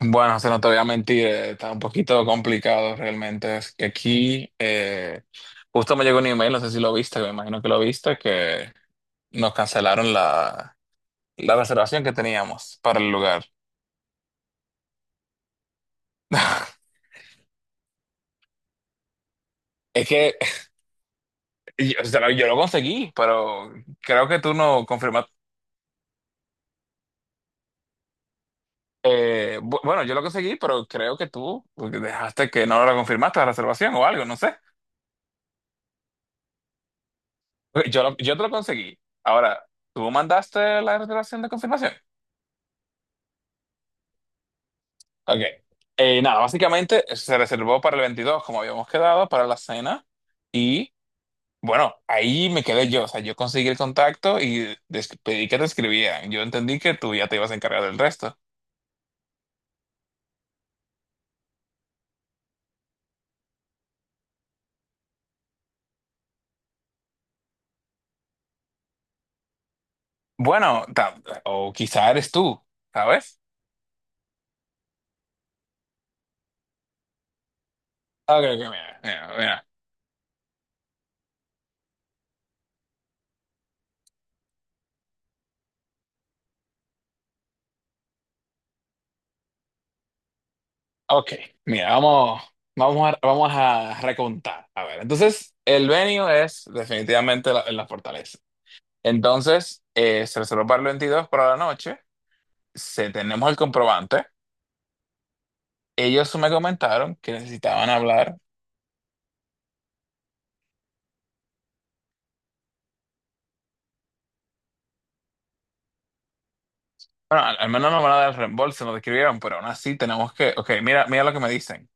Bueno, se no te voy a mentir, está un poquito complicado realmente. Es que aquí justo me llegó un email, no sé si lo viste, me imagino que lo viste, que nos cancelaron la reservación que teníamos para el lugar. Es que yo lo conseguí, pero creo que tú no confirmaste. Bueno, yo lo conseguí, pero creo que tú dejaste que no lo confirmaste la reservación o algo, no sé. Ok. Yo te lo conseguí. Ahora, ¿tú mandaste la reservación de confirmación? Ok. Nada, básicamente se reservó para el 22 como habíamos quedado, para la cena. Y bueno, ahí me quedé yo. O sea, yo conseguí el contacto y pedí que te escribieran. Yo entendí que tú ya te ibas a encargar del resto. Bueno, o quizá eres tú, ¿sabes? Ok, ok, mira. Ok, mira, vamos a recontar. A ver, entonces, el venue es definitivamente la fortaleza. Entonces, se reservó para el 22 para la noche. Se tenemos el comprobante. Ellos me comentaron que necesitaban hablar. Bueno, al menos no van a dar reembolso, nos describieron, pero aún así tenemos que. Ok, mira lo que me dicen.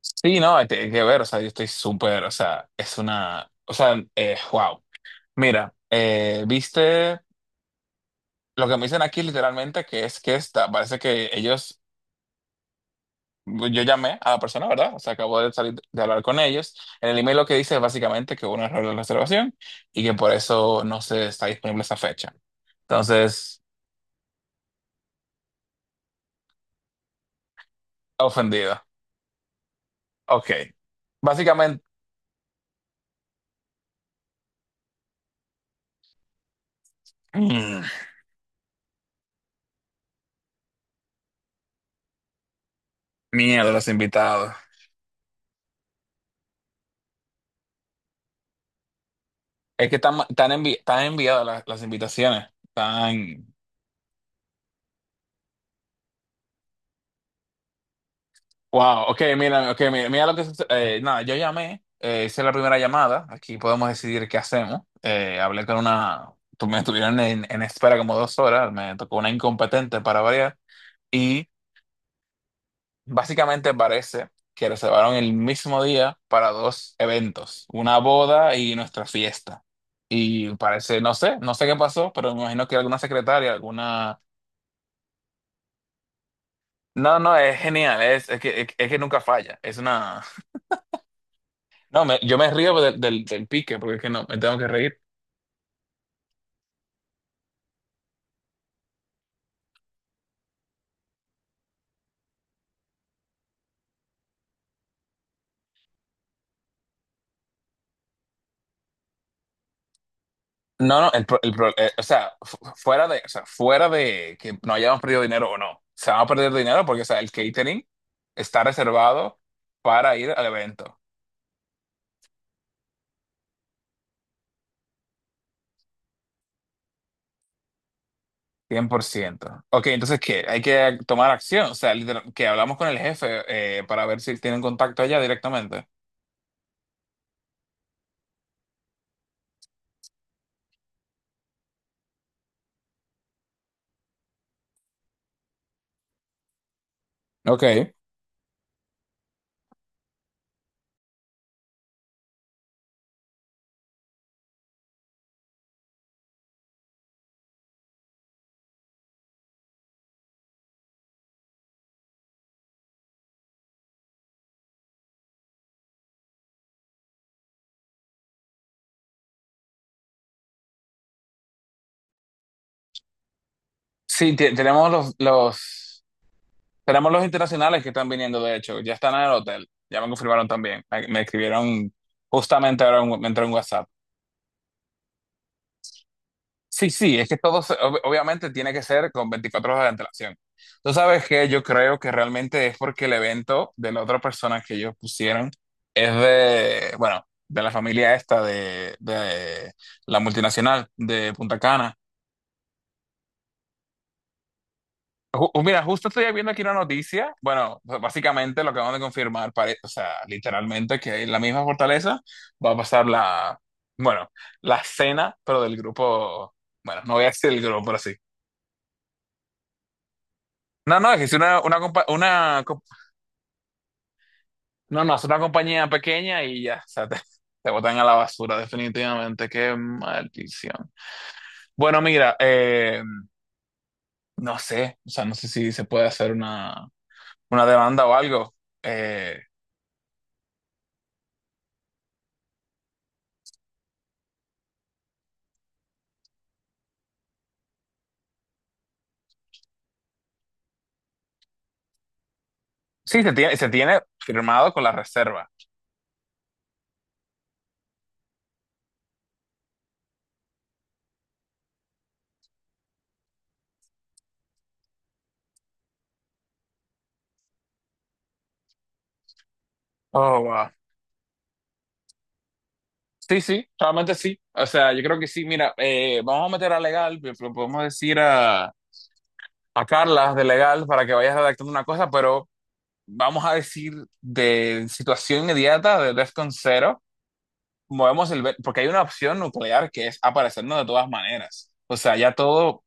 Sí, no, hay que ver, o sea, yo estoy súper, o sea, es una. O sea, wow. Mira, viste lo que me dicen aquí literalmente, que es que está, parece que ellos. Yo llamé a la persona, ¿verdad? O sea, acabo de salir de hablar con ellos. En el email lo que dice es básicamente que hubo un error de reservación y que por eso no se está disponible esa fecha. Entonces, ofendido. Ok. Básicamente, mm, miedo a los invitados. Es que están enviadas las invitaciones. Están. Wow, ok, mira, ok, mira lo que sucede. Nada, yo llamé, hice la primera llamada, aquí podemos decidir qué hacemos. Hablé con una, me estuvieron en espera como 2 horas, me tocó una incompetente para variar y básicamente parece que reservaron el mismo día para dos eventos, una boda y nuestra fiesta. Y parece, no sé, no sé qué pasó, pero me imagino que alguna secretaria, alguna... No, no, es genial, es que nunca falla, es una... No, yo me río del pique porque es que no, me tengo que reír. No, no, el pro- o sea, fu- fuera de, o sea, fuera de que no hayamos perdido dinero o no, se va a perder dinero porque, o sea, el catering está reservado para ir al evento, 100%. Ok, entonces, ¿qué? Hay que tomar acción, o sea, que hablamos con el jefe para ver si tienen contacto allá directamente. Ok. Sí, tenemos los internacionales que están viniendo, de hecho, ya están en el hotel, ya me confirmaron también, me escribieron justamente ahora, me entró un WhatsApp. Sí, sí, es que todo, obviamente tiene que ser con 24 horas de antelación. Tú sabes que yo creo que realmente es porque el evento de la otra persona que ellos pusieron es de, bueno, de la familia esta de la multinacional de Punta Cana. Mira, justo estoy viendo aquí una noticia. Bueno, básicamente lo que vamos de confirmar, o sea, literalmente que en la misma fortaleza va a pasar la, bueno, la cena, pero del grupo, bueno, no voy a decir el grupo, pero sí. No, no, es que es una, compa- una co- no, no, es una compañía pequeña y ya, o sea, te botan a la basura definitivamente. Qué maldición. Bueno, mira, no sé, o sea, no sé si se puede hacer una demanda o algo. Eh, Sí, se tiene firmado con la reserva. Oh, wow. Sí, sí, realmente sí. O sea, yo creo que sí. Mira, vamos a meter a legal, podemos decir a Carla de legal para que vayas redactando una cosa, pero vamos a decir de situación inmediata, de DEFCON 0, movemos el... Porque hay una opción nuclear que es aparecernos de todas maneras. O sea, ya todo,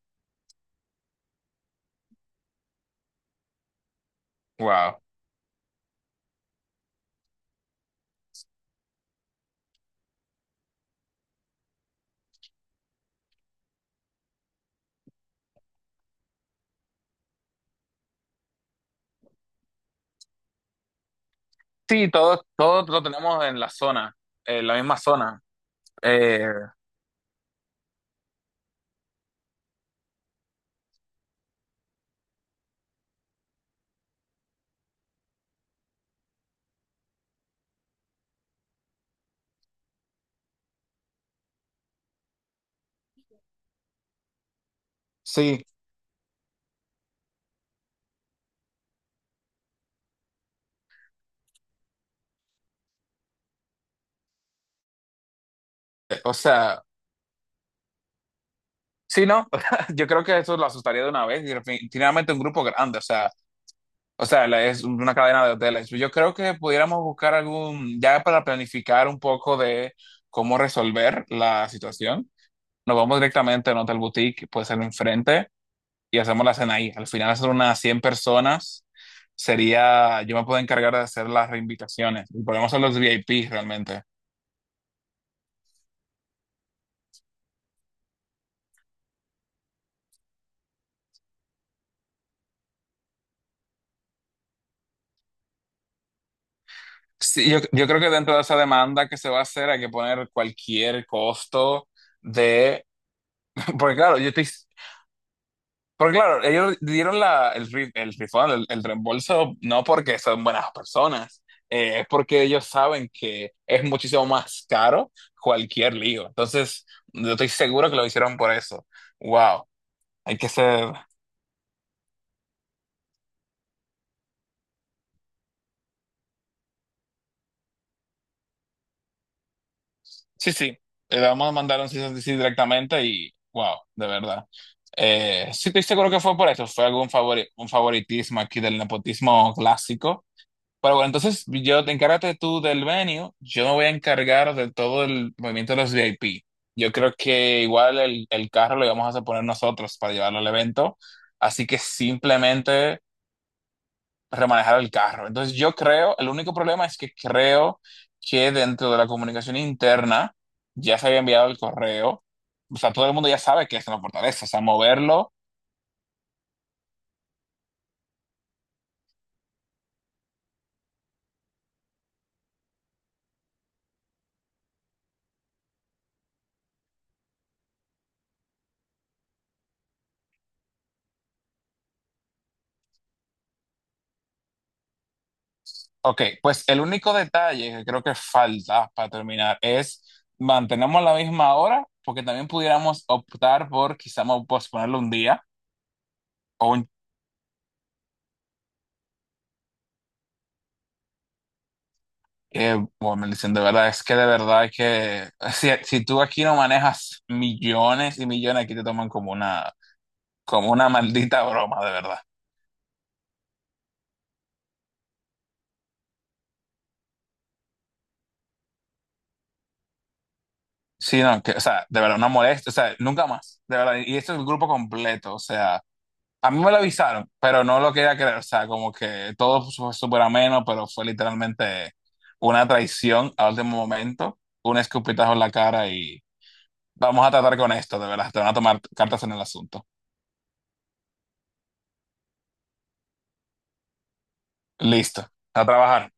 wow. Sí, todo lo tenemos en la zona, en la misma zona. Eh, sí, o sea... Sí, no, yo creo que eso lo asustaría de una vez y definitivamente un grupo grande, o sea, es una cadena de hoteles. Yo creo que pudiéramos buscar algún, ya para planificar un poco de cómo resolver la situación, nos vamos directamente a un hotel boutique, puede ser enfrente, y hacemos la cena ahí. Al final son unas 100 personas, sería, yo me puedo encargar de hacer las reinvitaciones y podemos hacer los VIP realmente. Sí, yo creo que dentro de esa demanda que se va a hacer hay que poner cualquier costo de. Porque claro, yo estoy, porque claro, ellos dieron el refund, el reembolso, no porque son buenas personas, es porque ellos saben que es muchísimo más caro cualquier lío. Entonces, yo estoy seguro que lo hicieron por eso. Wow, hay que ser... Sí, sí, le vamos a mandar un cease and desist directamente y wow, de verdad. Sí, estoy seguro que fue por eso, fue un favoritismo aquí del nepotismo clásico. Pero bueno, entonces yo te encárgate tú del venue, yo me voy a encargar de todo el movimiento de los VIP. Yo creo que igual el carro lo vamos a poner nosotros para llevarlo al evento, así que simplemente remanejar el carro. Entonces yo creo, el único problema es que creo que dentro de la comunicación interna ya se había enviado el correo, o sea, todo el mundo ya sabe que es en la fortaleza, o sea, moverlo. Ok, pues el único detalle que creo que falta para terminar es mantenemos la misma hora, porque también pudiéramos optar por quizá posponerlo un día o un. Bueno, me dicen de verdad, es que de verdad hay que. Si, si tú aquí no manejas millones y millones, aquí te toman como una maldita broma, de verdad. Sí, no, que, o sea, de verdad, una molestia, o sea, nunca más, de verdad. Y esto es el grupo completo, o sea. A mí me lo avisaron, pero no lo quería creer. O sea, como que todo fue súper ameno, pero fue literalmente una traición al último momento, un escupitajo en la cara y vamos a tratar con esto, de verdad. Te van a tomar cartas en el asunto. Listo, a trabajar.